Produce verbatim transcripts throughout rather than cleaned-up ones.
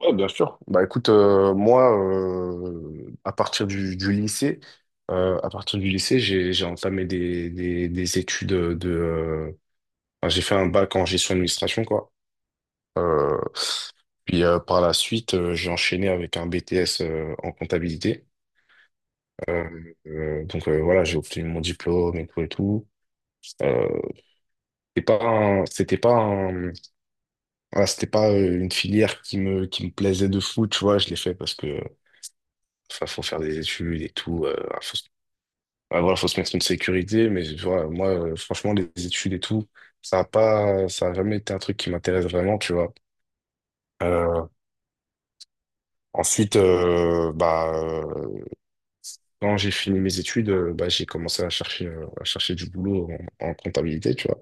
Ouais, bien sûr. Bah écoute, euh, moi, euh, à partir du, du lycée, euh, à partir du lycée, j'ai j'ai entamé des, des, des études de. euh, enfin, j'ai fait un bac en gestion d'administration quoi. Euh, puis euh, Par la suite, euh, j'ai enchaîné avec un B T S euh, en comptabilité. Euh, euh, donc euh, voilà, j'ai obtenu mon diplôme et tout et tout. Euh, c'était pas un- c'était pas un- Voilà, c'était pas euh, une filière qui me qui me plaisait de fou, tu vois. Je l'ai fait parce que Enfin, faut faire des études et tout. Euh, enfin, faut, se- ouais, voilà, faut se mettre une sécurité. Mais tu vois, moi, euh, franchement, les études et tout, ça a pas, ça a jamais été un truc qui m'intéresse vraiment, tu vois. Euh, ensuite, euh, bah, euh, Quand j'ai fini mes études, euh, bah, j'ai commencé à chercher, euh, à chercher du boulot en, en comptabilité, tu vois.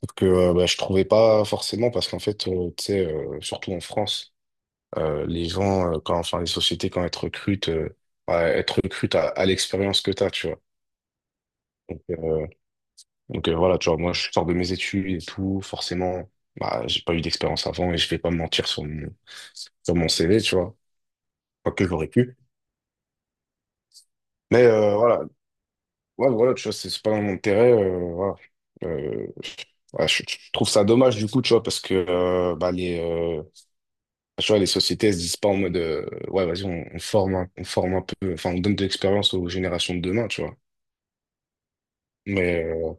Sauf que euh, bah, je trouvais pas forcément parce qu'en fait, euh, tu sais, euh, surtout en France, euh, les gens, euh, quand, enfin, les sociétés, quand elles te recrutent, euh, ouais, elles te recrutent à, à l'expérience que tu as, tu vois. Donc, euh, Donc euh, voilà, tu vois, moi je sors de mes études et tout, forcément, bah, j'ai pas eu d'expérience avant et je vais pas me mentir sur mon, sur mon C V, tu vois, pas que j'aurais pu. Mais euh, voilà. ouais, voilà, Tu vois, c'est c'est pas dans mon intérêt, euh, voilà. Euh, ouais, je, je trouve ça dommage du coup, tu vois, parce que euh, bah, les, euh, tu vois, les sociétés elles se disent pas en mode, euh, ouais, vas-y, on, on forme, un- on forme un peu, enfin, on donne de l'expérience aux générations de demain, tu vois. Mais euh,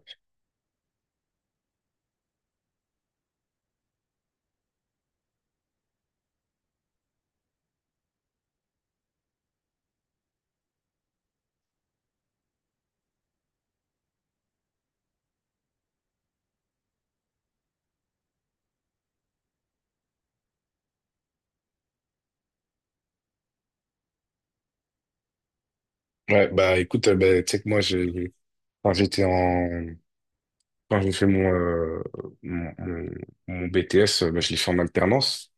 ouais, bah écoute, euh, bah, tu sais que moi, j'ai, enfin, j'étais en quand j'ai fait mon, euh, mon, mon- mon B T S, euh, bah, je l'ai fait en alternance.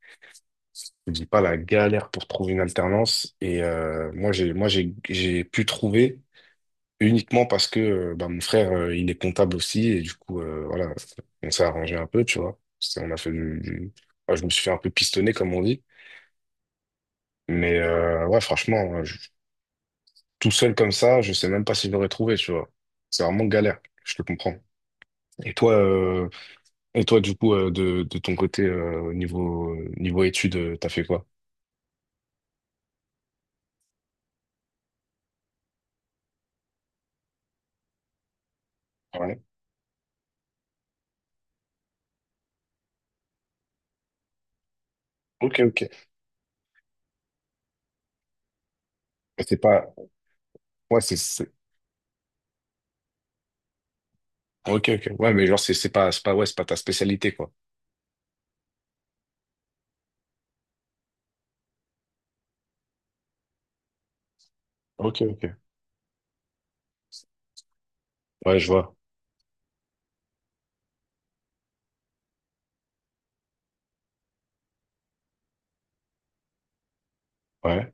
Je dis pas la galère pour trouver une alternance. Et euh, moi, j'ai, moi, j'ai, j'ai pu trouver uniquement parce que euh, bah, mon frère, euh, il est comptable aussi. Et du coup, euh, voilà, on s'est arrangé un peu, tu vois. C'est- On a fait du, du- Enfin, je me suis fait un peu pistonner, comme on dit. Mais euh, ouais, franchement, euh, je- tout seul comme ça, je sais même pas si j'aurais trouvé, tu vois. C'est vraiment galère. Je te comprends. Et toi, euh, Et toi, du coup, euh, de, de ton côté, euh, au niveau, niveau études, euh, t'as fait quoi? Ouais. Ok, ok. Mais c'est pas. Ouais, c'est, c'est. Ok, ok. Ouais, mais genre, c'est c'est pas, c'est pas, ouais, c'est pas ta spécialité, quoi. Ok, ok. Ouais, je vois. Ouais.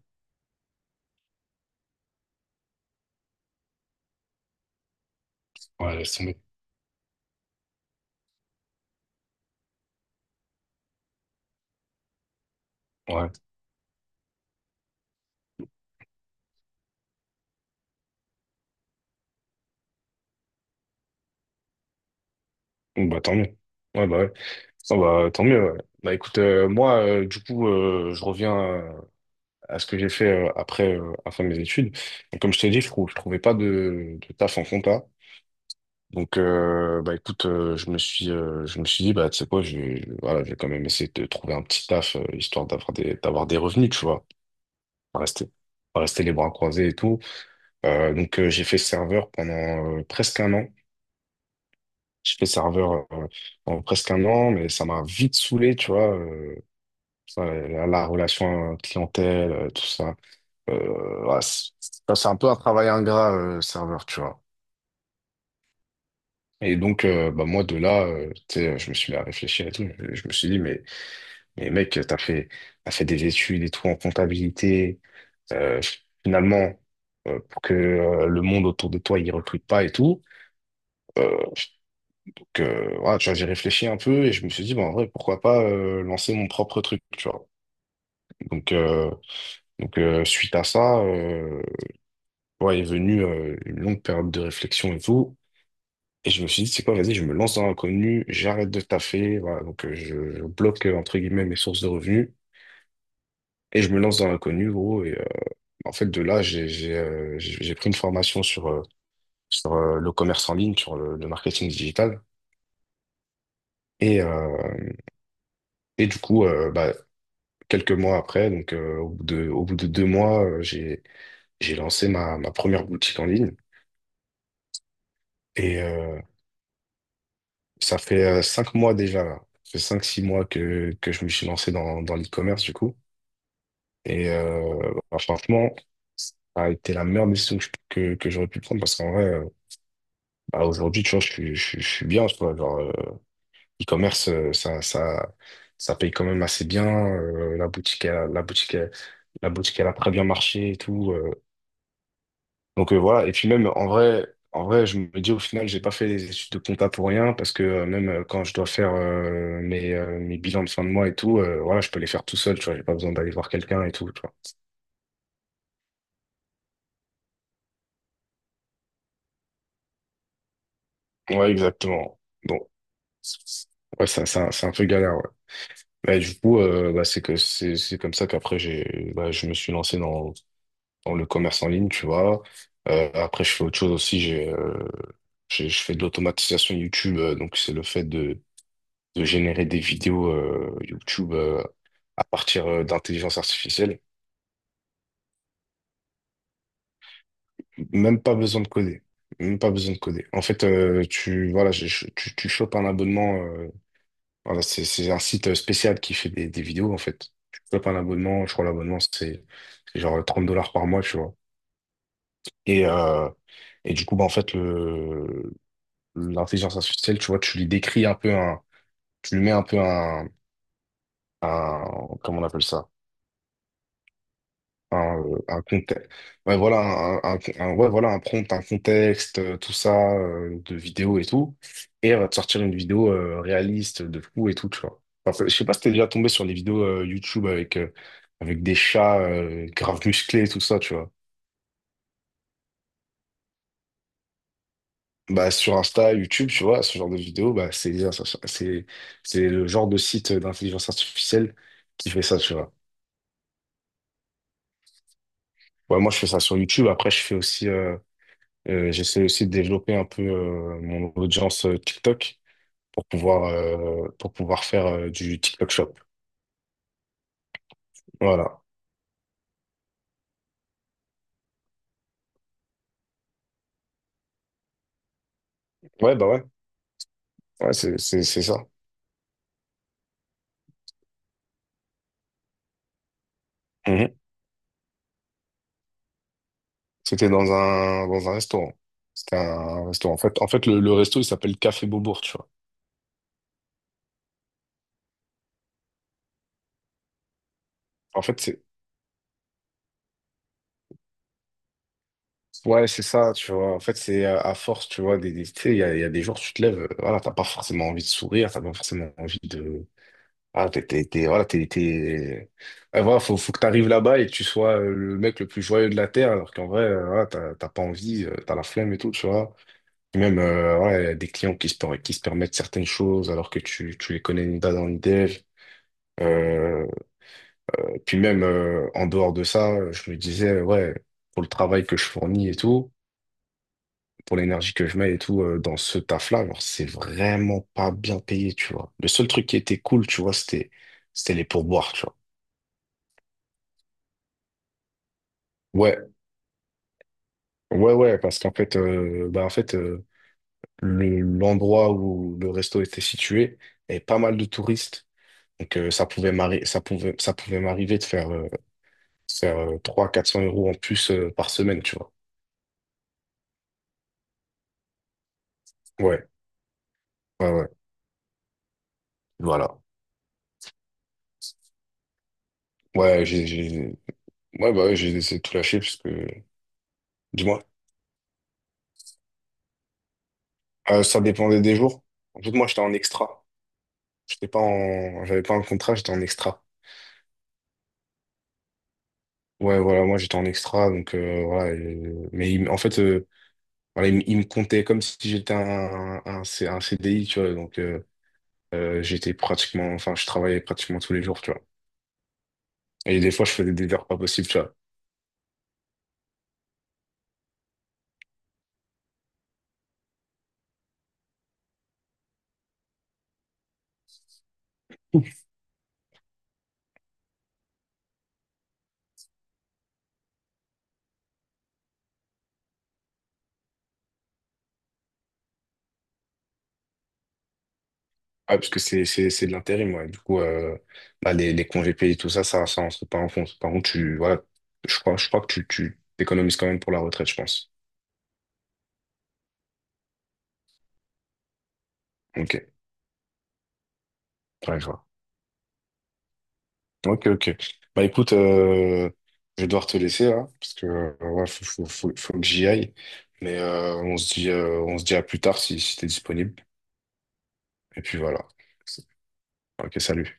Ouais, laisse tomber. Ouais. Bon, bah, tant mieux. Ouais, bah, ouais. Oh, bah, tant mieux, ouais. Bah, écoute, euh, moi, euh, du coup, euh, je reviens euh, à ce que j'ai fait euh, après, euh, après mes études. Donc, comme je t'ai dit, je trou- je trouvais pas de, de taf en compta. Donc, euh, bah écoute, euh, je me suis, euh, je me suis dit, bah tu sais quoi, je vais, je- voilà, je vais quand même essayer de trouver un petit taf euh, histoire d'avoir des, d'avoir des revenus, tu vois, pas rester, pas rester les bras croisés et tout. Euh, donc euh, j'ai fait serveur pendant euh, presque un an. J'ai fait serveur euh, pendant presque un an, mais ça m'a vite saoulé, tu vois. Euh, ça, la, la relation euh, clientèle, euh, tout ça. Euh, voilà, c'est Ça, c'est un peu un travail ingrat euh, serveur, tu vois. Et donc, euh, bah moi, de là, euh, tu sais, je me suis mis à réfléchir et tout. Je, je me suis dit, mais... Mais mec, t'as fait, t'as fait des études et tout en comptabilité. Euh, Finalement, euh, pour que euh, le monde autour de toi, il recrute pas et tout. Euh, que, voilà, tu vois, j'ai réfléchi un peu et je me suis dit, bah, en vrai, pourquoi pas euh, lancer mon propre truc, tu vois. Donc, euh, donc euh, suite à ça, euh, ouais, est venue euh, une longue période de réflexion et tout. Et je me suis dit, c'est quoi, vas-y, je me lance dans l'inconnu, j'arrête de taffer, voilà, donc euh, je, je bloque, euh, entre guillemets, mes sources de revenus, et je me lance dans l'inconnu, gros. Et, euh, En fait, de là, j'ai j'ai, euh, j'ai- j'ai pris une formation sur, euh, sur euh, le commerce en ligne, sur le, le marketing digital. Et, euh, et du coup, euh, bah, Quelques mois après, donc euh, au bout de, au bout de deux mois, euh, j'ai, j'ai lancé ma, ma première boutique en ligne. Et euh, ça fait euh, cinq mois déjà, là. Ça fait cinq, six mois que, que je me suis lancé dans, dans l'e-commerce, du coup. Et euh, bah, franchement, ça a été la meilleure décision que, je- que, que j'aurais pu prendre parce qu'en vrai, euh, bah, aujourd'hui, tu vois, je suis, je, suis je suis bien, tu vois, genre, euh, e-commerce, euh, ça, ça, ça paye quand même assez bien. Euh, la boutique, elle a- la boutique, elle- la boutique, elle a très bien marché et tout. euh. Donc euh, voilà. Et puis même en vrai, en vrai, je me dis au final, j'ai pas fait les études de compta pour rien parce que euh, même euh, quand je dois faire euh, mes, euh, mes bilans de fin de mois et tout, euh, voilà, je peux les faire tout seul. Tu vois, j'ai pas besoin d'aller voir quelqu'un et tout. Tu vois. Ouais, exactement. Bon, ouais, ça, ça, c'est un peu galère. Ouais. Mais du coup, euh, bah, c'est que c'est c'est comme ça qu'après j'ai... bah, je me suis lancé dans dans le commerce en ligne, tu vois. Euh, après, je fais autre chose aussi. J'ai, euh, j'ai- je fais de l'automatisation YouTube. Euh, donc, c'est le fait de, de générer des vidéos euh, YouTube euh, à partir euh, d'intelligence artificielle. Même pas besoin de coder. Même pas besoin de coder. En fait, euh, tu, voilà, je- je- tu, tu chopes un abonnement. Euh, voilà, c'est c'est un site euh, spécial qui fait des, des vidéos, en fait. Tu chopes un abonnement. Je crois l'abonnement, c'est c'est genre trente dollars par mois, tu vois. Et, euh, et du coup, bah, en fait, le, L'intelligence artificielle, tu vois, tu lui décris un peu un, tu lui mets un peu un, un, comment on appelle ça? Un, euh, un contexte. Ouais, voilà, un, un- un- ouais, voilà, un prompt, un contexte, euh, tout ça, euh, de vidéo et tout. Et elle va te sortir une vidéo, euh, réaliste de fou et tout, tu vois. Enfin, je sais pas si t'es déjà tombé sur les vidéos, euh, YouTube avec, euh, avec des chats, euh, grave musclés et tout ça, tu vois. Bah, sur Insta, YouTube, tu vois, ce genre de vidéo, bah, c'est, c'est, c'est le genre de site d'intelligence artificielle qui fait ça, tu vois. Ouais, moi, je fais ça sur YouTube. Après, je fais aussi, euh, euh, j'essaie aussi de développer un peu euh, mon audience euh, TikTok pour pouvoir, euh, pour pouvoir faire euh, du TikTok Shop. Voilà. Ouais, bah ouais. Ouais, c'est, c'est, c'est ça. Mhm. C'était dans un, dans un restaurant. C'était un restaurant. En fait, en fait, le, le resto, il s'appelle Café Beaubourg, tu vois. En fait, c'est... ouais, c'est ça, tu vois. En fait, c'est à, à force, tu vois, des, des- tu sais, il y a, il y a des jours, tu te lèves, euh, voilà, t'as pas forcément envie de sourire, t'as pas forcément envie de... Ah, t'es, t'es, t'es... voilà, t'es, t'es... Ah, voilà, faut, faut que t'arrives là-bas et que tu sois euh, le mec le plus joyeux de la Terre, alors qu'en vrai, euh, voilà, t'as, t'as pas envie, euh, t'as la flemme et tout, tu vois. Et même, euh, ouais, y a des clients qui se, per- qui se permettent certaines choses alors que tu, tu les connais ni d'Adam ni d'Ève. Euh, puis même, euh, En dehors de ça, euh, je me disais, euh, ouais, pour le travail que je fournis et tout, pour l'énergie que je mets et tout, euh, dans ce taf-là, genre, c'est vraiment pas bien payé, tu vois. Le seul truc qui était cool, tu vois, c'était, c'était les pourboires, tu vois. Ouais, ouais, ouais, parce qu'en fait, euh, bah, en fait euh, le- l'endroit où le resto était situé, avait pas mal de touristes. Donc, euh, ça pouvait m'arri- ça pouvait, ça pouvait m'arriver de faire, euh, faire euh, trois cents, quatre cents euros en plus euh, par semaine, tu vois. Ouais, ouais, ouais, voilà. Ouais, j'ai, j'ai- ouais, bah, ouais, j'ai laissé tout lâcher parce que, dis-moi. Euh, ça dépendait des jours. En fait, moi, j'étais en extra. J'étais pas en, j'avais pas un contrat, j'étais en extra. Ouais, voilà, moi, j'étais en extra, donc, euh, voilà. et- Mais il- en fait, euh, Voilà, il, me il me comptait comme si j'étais un, un, C- un C D I, tu vois. Donc, euh, euh, j'étais pratiquement, enfin, je travaillais pratiquement tous les jours, tu vois. Et des fois, je faisais des heures pas possibles, tu vois. Ah, parce que c'est, c'est, c'est de l'intérim, ouais. Du coup, euh, bah, les, les congés payés, tout ça, ça, ça rentre pas en compte. Par contre, tu, voilà, je crois, je crois que tu, tu t'économises quand même pour la retraite, je pense. Ok, ouais, je vois. Ok, ok. Bah écoute, euh, je vais devoir te laisser là, parce que euh, ouais, faut, faut, faut, faut que j'y aille. Mais euh, on se dit, euh, on se dit à plus tard si, si t'es disponible. Et puis voilà. Ok, salut.